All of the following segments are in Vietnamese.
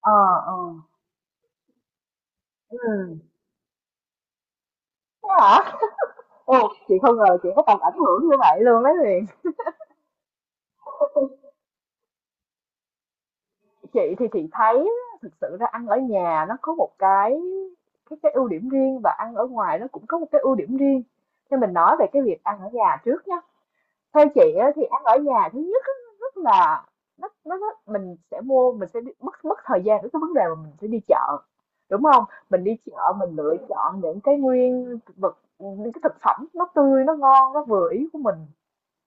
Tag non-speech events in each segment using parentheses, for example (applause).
Ờ, ờ, ừm. Thế hả? Ồ, chị không ngờ là chị có tầm ảnh hưởng như vậy luôn đấy Huyền. Chị thì chị thấy á, thực sự ra ăn ở nhà nó có một cái ưu điểm riêng và ăn ở ngoài nó cũng có một cái ưu điểm riêng. Nên mình nói về cái việc ăn ở nhà trước nhá. Theo chị á, thì ăn ở nhà thứ nhất á, rất là nó mình sẽ mua mình sẽ đi, mất mất thời gian với cái vấn đề mà mình sẽ đi chợ. Đúng không? Mình đi chợ mình lựa chọn những cái nguyên vật những cái thực phẩm nó tươi nó ngon nó vừa ý của mình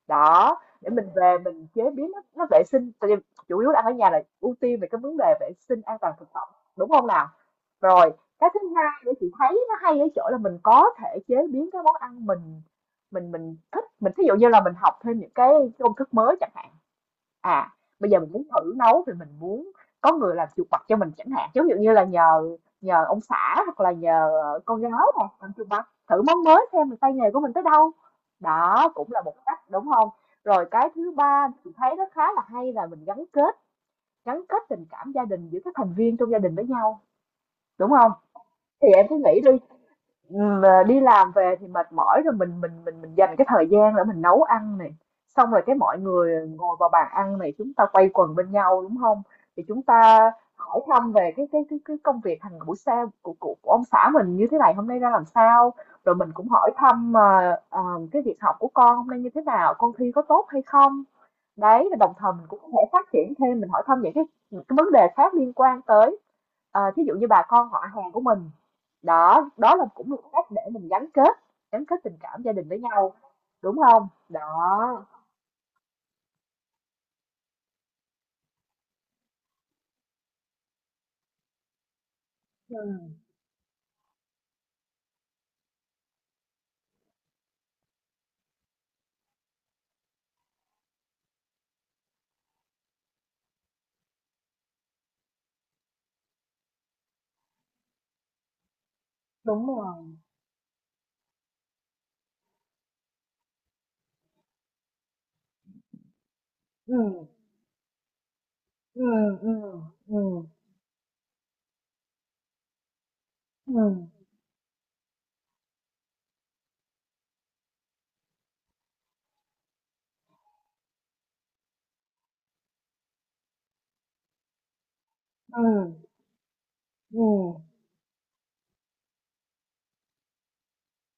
đó để mình về mình chế biến nó vệ sinh tại vì chủ yếu là ăn ở nhà là ưu tiên về cái vấn đề vệ sinh an toàn thực phẩm, đúng không nào? Rồi cái thứ hai để chị thấy nó hay ở chỗ là mình có thể chế biến cái món ăn mình thích, mình thí dụ như là mình học thêm những cái công thức mới chẳng hạn. à Bây giờ mình muốn thử nấu thì mình muốn có người làm chuột bạch cho mình chẳng hạn, giống như là nhờ nhờ ông xã hoặc là nhờ con gái nè, làm chuột bạch thử món mới xem là tay nghề của mình tới đâu, đó cũng là một cách, đúng không? Rồi cái thứ ba chị thấy nó khá là hay là mình gắn kết, gắn kết tình cảm gia đình giữa các thành viên trong gia đình với nhau, đúng không? Thì em cứ nghĩ đi. Mà đi làm về thì mệt mỏi rồi, mình dành cái thời gian để mình nấu ăn này, xong rồi cái mọi người ngồi vào bàn ăn này, chúng ta quây quần bên nhau, đúng không? Thì chúng ta hỏi thăm về cái công việc hàng buổi sáng của ông xã mình như thế này, hôm nay ra làm sao. Rồi mình cũng hỏi thăm cái việc học của con hôm nay như thế nào, con thi có tốt hay không. Đấy, và đồng thời mình cũng có thể phát triển thêm, mình hỏi thăm những cái vấn đề khác liên quan tới. Ờ, thí dụ như bà con họ hàng của mình, đó, đó là cũng một cách để mình gắn kết tình cảm gia đình với nhau, đúng không? Đó. Ừ, đúng rồi. Ừ, ừ, ừ, ừ, ừ, ừ, ừ, ừ,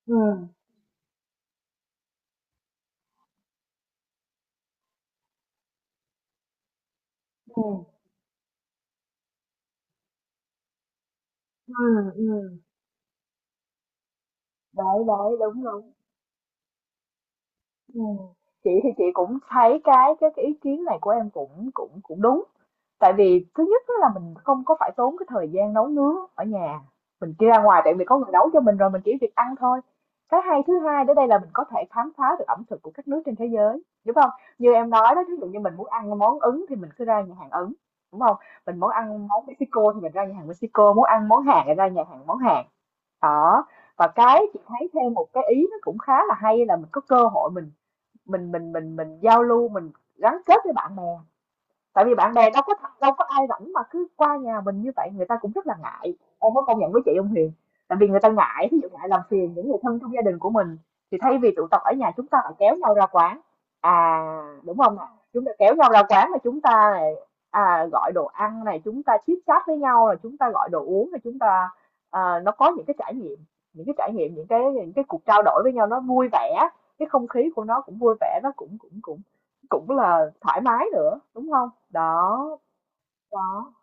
ừ, ừ, ừ. Đấy, đấy, đúng, đúng. Ừm, chị thì chị cũng thấy cái ý kiến này của em cũng cũng cũng đúng. Tại vì thứ nhất á là mình không có phải tốn cái thời gian nấu nướng ở nhà. Mình đi ra ngoài tại vì có người nấu cho mình rồi, mình chỉ việc ăn thôi. Cái hay thứ hai đến đây là mình có thể khám phá được ẩm thực của các nước trên thế giới, đúng không? Như em nói đó, ví dụ như mình muốn ăn món Ấn thì mình cứ ra nhà hàng Ấn, đúng không? Mình muốn ăn món Mexico thì mình ra nhà hàng Mexico, muốn ăn món Hàn thì ra nhà hàng món Hàn. Đó. Và cái chị thấy thêm một cái ý nó cũng khá là hay là mình có cơ hội mình giao lưu, mình gắn kết với bạn bè, tại vì bạn bè đâu có ai rảnh mà cứ qua nhà mình như vậy, người ta cũng rất là ngại, em có công nhận với chị ông Huyền? Tại vì người ta ngại, ví dụ ngại làm phiền những người thân trong gia đình của mình, thì thay vì tụ tập ở nhà chúng ta lại kéo nhau ra quán, à, đúng không ạ? Chúng ta kéo nhau ra quán là chúng ta này, à, gọi đồ ăn này, chúng ta chit chat với nhau, là chúng ta gọi đồ uống, là chúng ta, à, nó có những cái trải nghiệm, những cái cuộc trao đổi với nhau nó vui vẻ, cái không khí của nó cũng vui vẻ, nó cũng cũng cũng cũng là thoải mái nữa, đúng không? Đó, đó.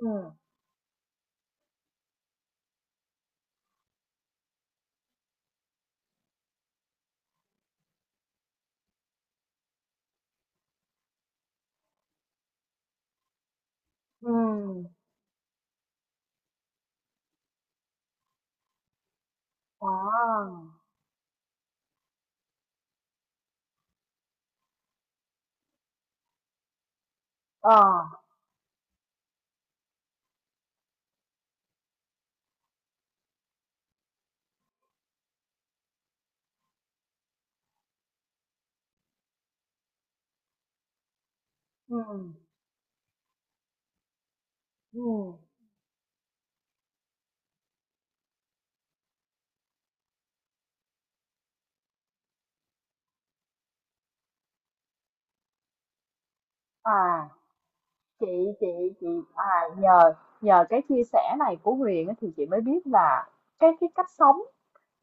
ừm, ừm, à, ờ, ừm, ừm, à, chị chị chị, à, nhờ nhờ cái chia sẻ này của Huyền á, thì chị mới biết là cái cách sống,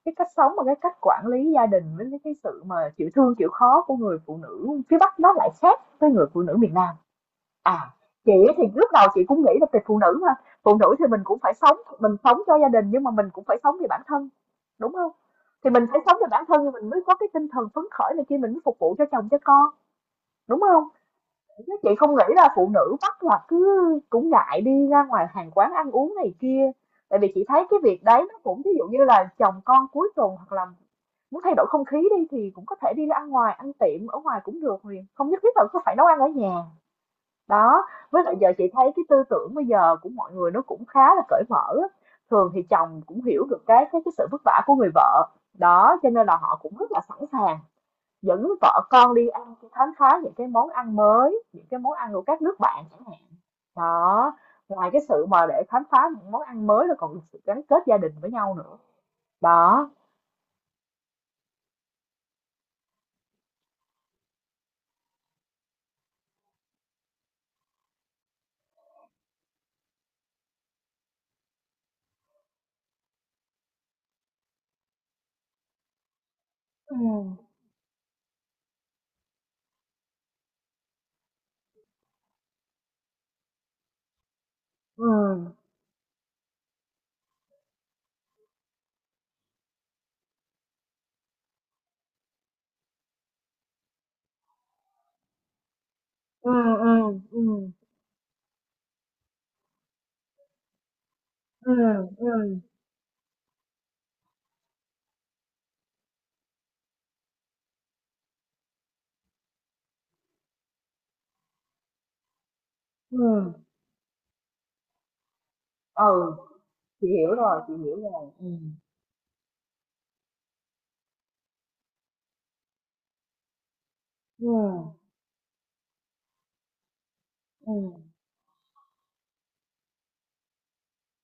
cái cách sống và cái cách quản lý gia đình với cái sự mà chịu thương chịu khó của người phụ nữ phía Bắc nó lại khác với người phụ nữ miền Nam. À, chị thì lúc đầu chị cũng nghĩ là về phụ nữ mà, phụ nữ thì mình cũng phải sống, mình sống cho gia đình nhưng mà mình cũng phải sống vì bản thân, đúng không? Thì mình phải sống cho bản thân thì mình mới có cái tinh thần phấn khởi này kia, mình mới phục vụ cho chồng cho con, đúng không? Chứ chị không nghĩ là phụ nữ bắt là cứ cũng ngại đi ra ngoài hàng quán ăn uống này kia, tại vì chị thấy cái việc đấy nó cũng, ví dụ như là chồng con cuối tuần hoặc là muốn thay đổi không khí đi thì cũng có thể đi ra ăn ngoài, ăn tiệm ở ngoài cũng được Huyền, không nhất thiết là cứ phải nấu ăn ở nhà. Đó, với lại giờ chị thấy cái tư tưởng bây giờ của mọi người nó cũng khá là cởi mở á. Thường thì chồng cũng hiểu được cái sự vất vả của người vợ. Đó, cho nên là họ cũng rất là sẵn sàng dẫn vợ con đi ăn, đi khám phá những cái món ăn mới, những cái món ăn của các nước bạn chẳng hạn. Đó, ngoài cái sự mà để khám phá những món ăn mới là còn được sự gắn kết gia đình với nhau nữa. Đó. Ừ, ừ, ừ, ừ, ừ, ừ, ừ, ừ. Ừ, chị hiểu rồi, chị hiểu rồi. Ừ. Ừ. Ừ.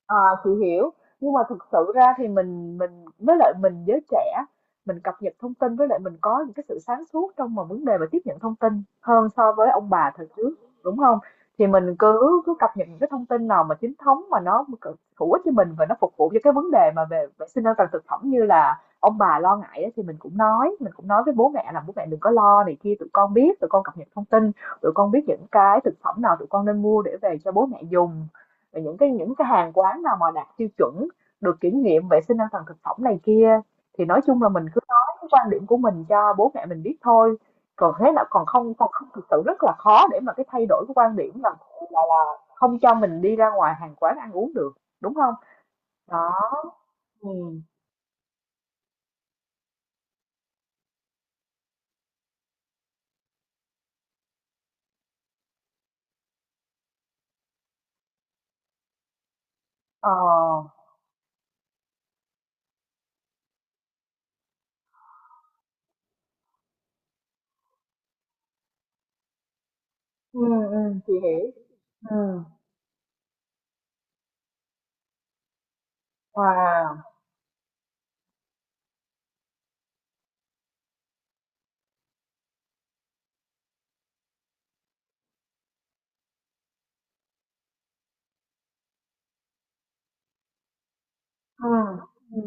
À, chị hiểu. Nhưng mà thực sự ra thì mình với lại mình giới trẻ, mình cập nhật thông tin, với lại mình có những cái sự sáng suốt trong mà vấn đề mà tiếp nhận thông tin hơn so với ông bà thời trước, đúng không? Thì mình cứ cứ cập nhật những cái thông tin nào mà chính thống mà nó hữu ích cho mình và nó phục vụ cho cái vấn đề mà về vệ sinh an toàn thực phẩm như là ông bà lo ngại ấy, thì mình cũng nói, mình cũng nói với bố mẹ là bố mẹ đừng có lo này kia, tụi con biết, tụi con cập nhật thông tin, tụi con biết những cái thực phẩm nào tụi con nên mua để về cho bố mẹ dùng, và những cái hàng quán nào mà đạt tiêu chuẩn, được kiểm nghiệm vệ sinh an toàn thực phẩm này kia. Thì nói chung là mình cứ nói cái quan điểm của mình cho bố mẹ mình biết thôi, còn thế là còn không, còn không thực sự rất là khó để mà cái thay đổi cái quan điểm là là không cho mình đi ra ngoài hàng quán ăn uống được, đúng không? Đó. Ừ. Ờ. Ừ, ừ, chị hiểu. Ừ. Wow. Ừ. Ừ.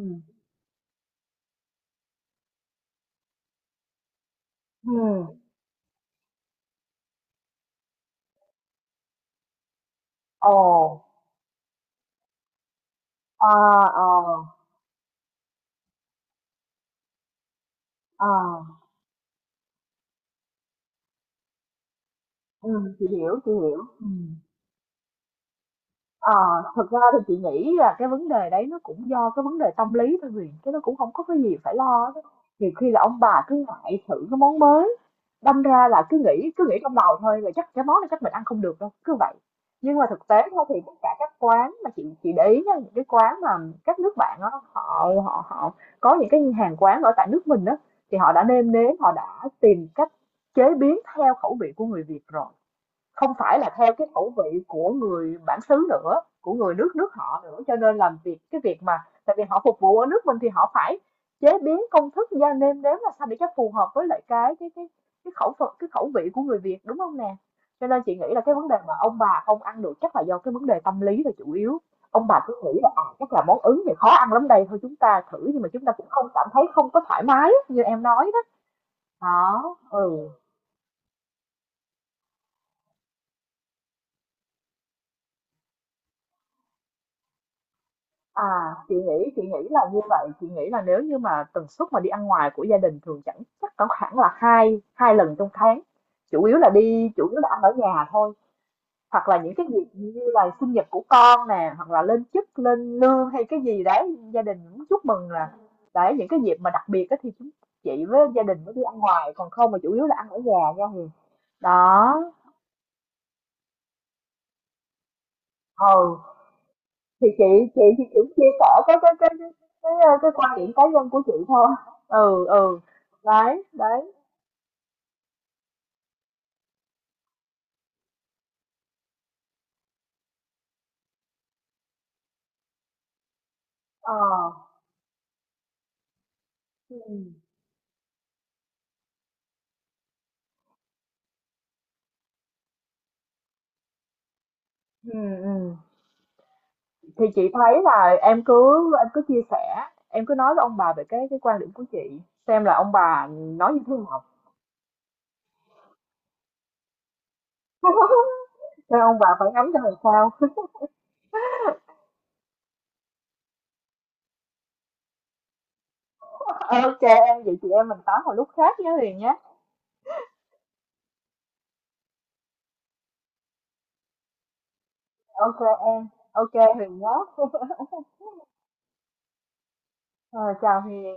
Ừ. Ồ. À, à, à. Ừ, chị hiểu, chị hiểu. Ừ. Ờ, thực ra thì chị nghĩ là cái vấn đề đấy nó cũng do cái vấn đề tâm lý thôi Huyền, chứ nó cũng không có cái gì phải lo đó á. Nhiều khi là ông bà cứ ngại thử cái món mới, đâm ra là cứ nghĩ trong đầu thôi là chắc cái món này chắc mình ăn không được đâu, cứ vậy. Nhưng mà thực tế thôi thì tất cả các quán mà chị để ý nha, những cái quán mà các nước bạn á, họ họ họ có những cái hàng quán ở tại nước mình đó, thì họ đã nêm nếm, họ đã tìm cách chế biến theo khẩu vị của người Việt rồi, không phải là theo cái khẩu vị của người bản xứ nữa, của người nước nước họ nữa, cho nên làm việc cái việc mà tại vì họ phục vụ ở nước mình thì họ phải chế biến công thức gia nêm nếm là sao để cho phù hợp với lại cái khẩu phần, cái khẩu vị của người Việt, đúng không nè? Cho nên chị nghĩ là cái vấn đề mà ông bà không ăn được chắc là do cái vấn đề tâm lý là chủ yếu, ông bà cứ nghĩ là à, chắc là món Ứng thì khó ăn lắm đây, thôi chúng ta thử nhưng mà chúng ta cũng không cảm thấy, không có thoải mái như em nói đó. Đó. Ừ. À, chị nghĩ, chị nghĩ là như vậy, chị nghĩ là nếu như mà tần suất mà đi ăn ngoài của gia đình thường chẳng chắc có khoảng là hai hai lần trong tháng. Chủ yếu là đi, chủ yếu là ăn ở nhà thôi, hoặc là những cái dịp như là sinh nhật của con nè, hoặc là lên chức, lên lương hay cái gì đấy gia đình muốn chúc mừng, là đấy những cái dịp mà đặc biệt á thì chị với gia đình mới đi ăn ngoài, còn không mà chủ yếu là ăn ở nhà nha Huyền. Đó. Ừ. Thì Chị thì cũng chia sẻ cái, cái quan điểm cá nhân của chị thôi. Ừ, ừ. Đấy, đấy. Ờ. Ừ. Ừ, ừ. Thì chị thấy là em cứ, em cứ chia sẻ, em cứ nói với ông bà về cái quan điểm của chị, xem là ông bà nói như thế nào. (laughs) Xem ông bà phản ánh ra làm sao. Ok em, vậy chị em mình tám một lúc khác nhé Huyền nhé. Ok em, ok Huyền nhé. (laughs) Ờ, chào Huyền.